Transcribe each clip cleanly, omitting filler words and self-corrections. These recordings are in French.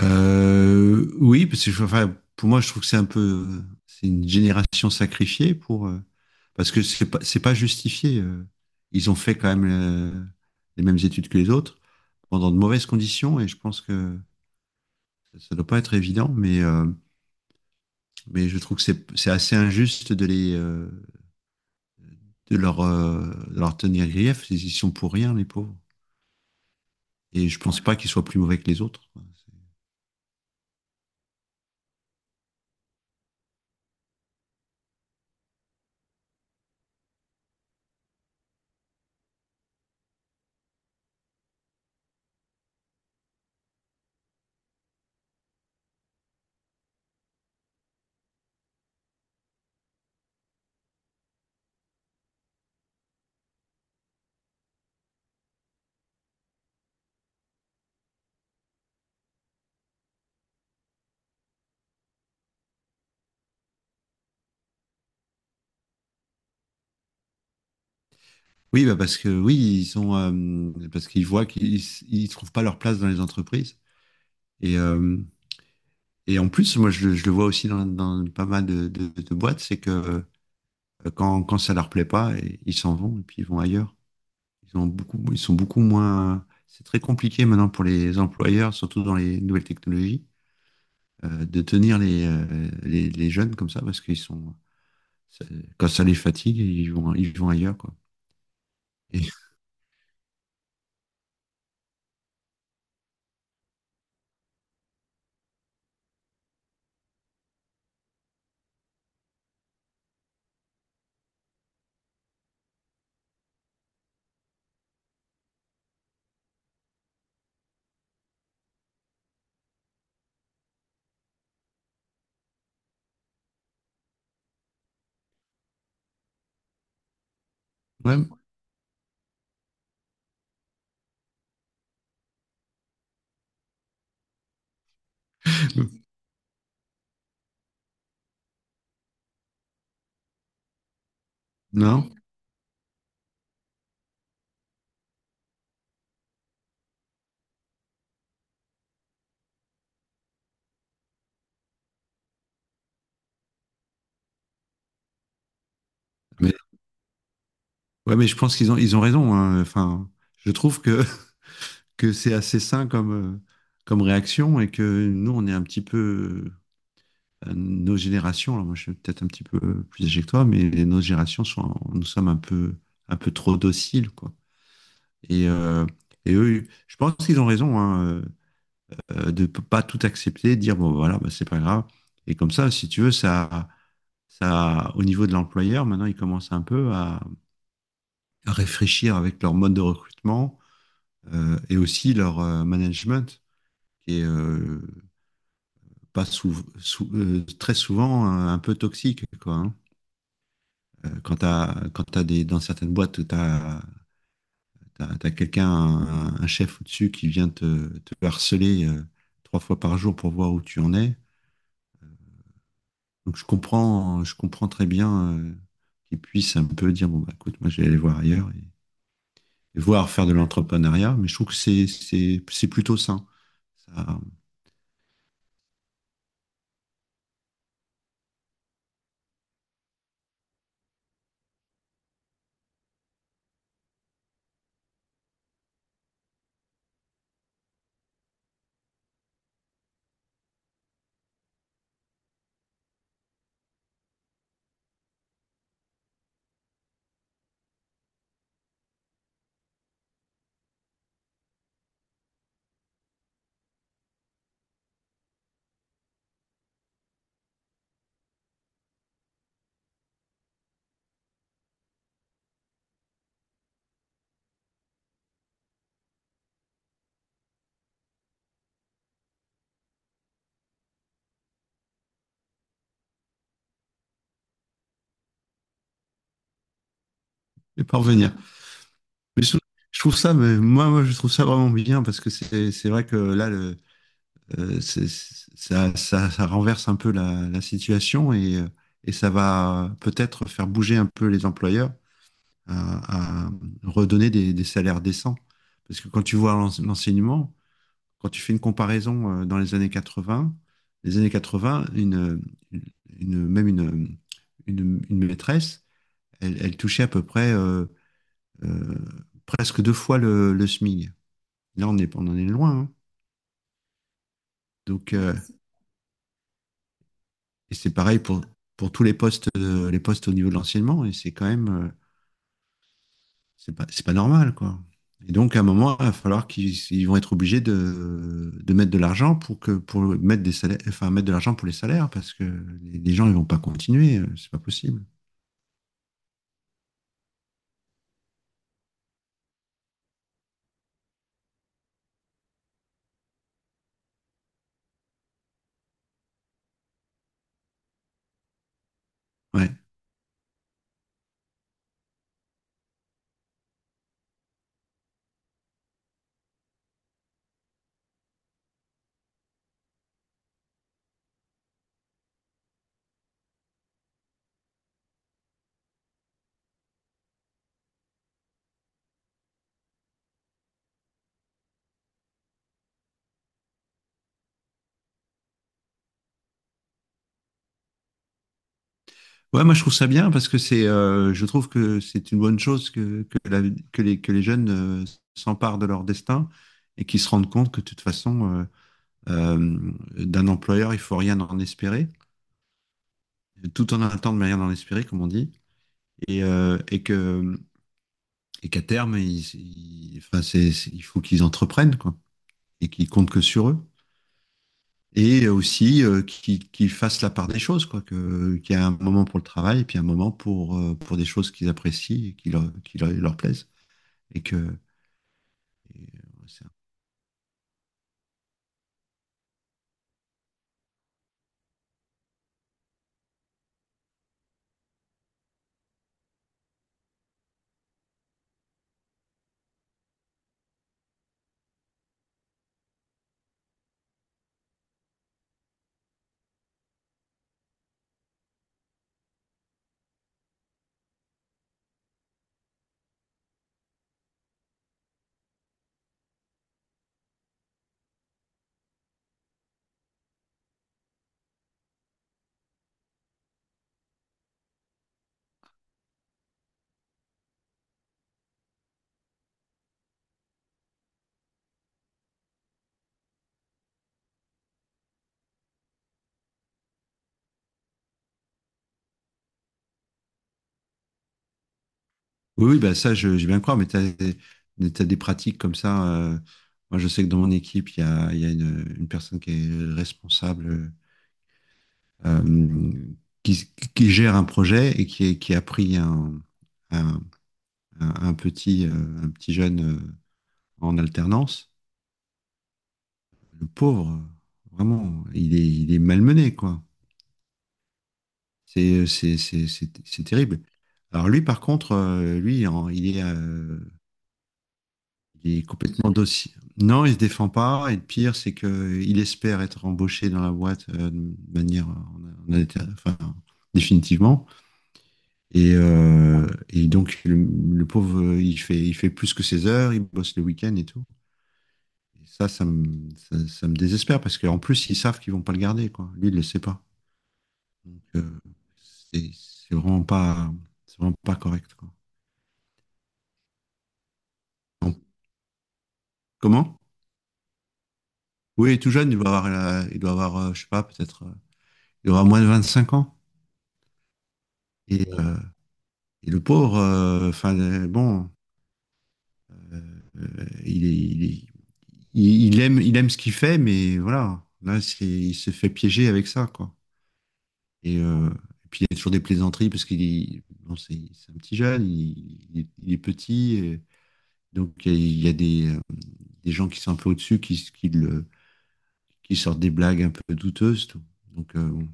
Oui, parce que enfin, pour moi, je trouve que c'est une génération sacrifiée parce que c'est pas justifié. Ils ont fait quand même, les mêmes études que les autres pendant de mauvaises conditions et je pense que ça doit pas être évident, mais mais je trouve que c'est assez injuste de les, de leur, de leur tenir grief. Ils y sont pour rien, les pauvres. Et je pense pas qu'ils soient plus mauvais que les autres. Oui, bah parce que oui, ils sont parce qu'ils voient qu'ils, ils trouvent pas leur place dans les entreprises. Et, euh, et en plus, moi, je le vois aussi dans, dans pas mal de boîtes, c'est que quand ça leur plaît pas, ils s'en vont et puis ils vont ailleurs. Ils sont beaucoup moins. C'est très compliqué maintenant pour les employeurs, surtout dans les nouvelles technologies, de tenir les, les jeunes comme ça parce qu'ils sont ça- quand ça les fatigue, ils vont ailleurs quoi. Et, ouais, non, mais Ouais, mais je pense qu'ils ils ont raison, hein. Enfin, je trouve que que c'est assez sain comme comme réaction et que nous, on est un petit peu. Nos générations, alors moi je suis peut-être un petit peu plus âgé que toi, mais nos générations nous sommes un peu trop dociles, quoi. Et, euh, et eux, je pense qu'ils ont raison, hein, de pas tout accepter, de dire bon voilà, bah, c'est pas grave. Et comme ça, si tu veux, ça au niveau de l'employeur, maintenant, ils commencent un peu à réfléchir avec leur mode de recrutement et aussi leur management qui est pas très souvent un peu toxique, quoi, hein. Quand t'as des, dans certaines boîtes, t'as quelqu'un, un chef au-dessus qui vient te harceler trois fois par jour pour voir où tu en es. Donc je comprends très bien qu'il puisse un peu dire, bon bah écoute, moi je vais aller voir ailleurs et voir faire de l'entrepreneuriat, mais je trouve que c'est plutôt sain. Ça, je vais pas revenir. Mais je, je trouve ça, mais moi, je trouve ça vraiment bien parce que c'est vrai que là, le, c'est- ça renverse un peu la situation et ça va peut-être faire bouger un peu les employeurs à redonner des salaires décents. Parce que quand tu vois l'enseignement, quand tu fais une comparaison dans les années 80, les années 80, une, une, une- même une, une, une maîtresse, elle touchait à peu près euh, presque deux fois le SMIC. Là, on en est loin, hein. Donc, euh, et c'est pareil pour tous les postes au niveau de l'enseignement. Et c'est quand même, c'est pas normal, quoi. Et donc, à un moment, il va falloir qu'ils, ils vont être obligés de mettre de l'argent pour que, pour mettre des salaires, enfin, mettre de l'argent pour les salaires parce que les gens, ils vont pas continuer. C'est pas possible. Ouais. Ouais, moi, je trouve ça bien parce que je trouve que c'est une bonne chose que que les jeunes euh, s'emparent de leur destin et qu'ils se rendent compte que, de toute façon, d'un employeur, il faut rien en espérer, tout en attendant de rien en espérer, comme on dit, et que qu'à terme, enfin, il faut qu'ils entreprennent quoi, et qu'ils comptent que sur eux. Et aussi qu'ils fassent la part des choses, quoi, qu'il y a un moment pour le travail et puis un moment pour des choses qu'ils apprécient et qui leur, leur plaisent. Et que et, euh, Oui, oui, bah ça, je bien croire, mais tu as, des pratiques comme ça. Moi, je sais que dans mon équipe, il y a une personne qui est responsable, euh, qui gère un projet et qui a pris un, un, un petit, un petit jeune en alternance. Le pauvre, vraiment, il est malmené, quoi. C'est terrible. Alors lui, par contre, il est, il est complètement dossier. Non, il se défend pas. Et le pire, c'est que il espère être embauché dans la boîte de manière enfin, définitivement. Et donc, le pauvre, il fait plus que ses heures, il bosse le week-end et tout. Et ça me désespère parce qu'en plus, ils savent qu'ils vont pas le garder, quoi. Lui, il le sait pas. Donc, euh, c'est c'est vraiment pas correct, quoi. Donc, comment? Oui, il est tout jeune, il doit avoir, je sais pas, peut-être, il doit avoir moins de 25 ans. Et, euh, et le pauvre, enfin bon, euh, il est, il est- il aime ce qu'il fait, mais voilà, il se fait piéger avec ça, quoi. Et, euh, et puis il y a toujours des plaisanteries parce qu'il est, bon, c'est un petit jeune, il est petit, et donc il y a des gens qui sont un peu au-dessus, qui qui sortent des blagues un peu douteuses, tout. Donc euh, bon.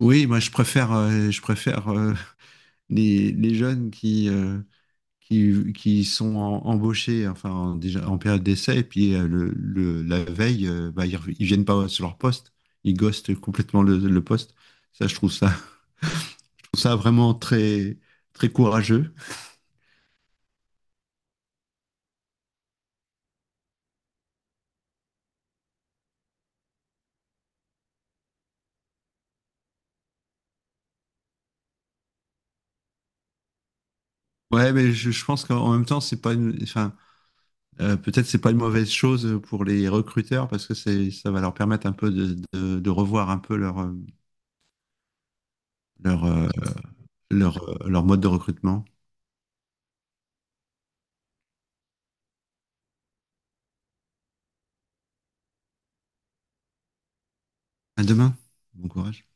Oui, moi je préfère les jeunes qui qui sont embauchés, enfin déjà en période d'essai, et puis la veille, bah, ils viennent pas sur leur poste, ils ghostent complètement le poste. Ça, je trouve ça, je trouve ça vraiment très, très courageux. Ouais, mais je pense qu'en même temps, c'est pas une, enfin, peut-être c'est pas une mauvaise chose pour les recruteurs parce que c'est, ça va leur permettre un peu de revoir un peu leur, euh, leur mode de recrutement. À demain. Bon courage.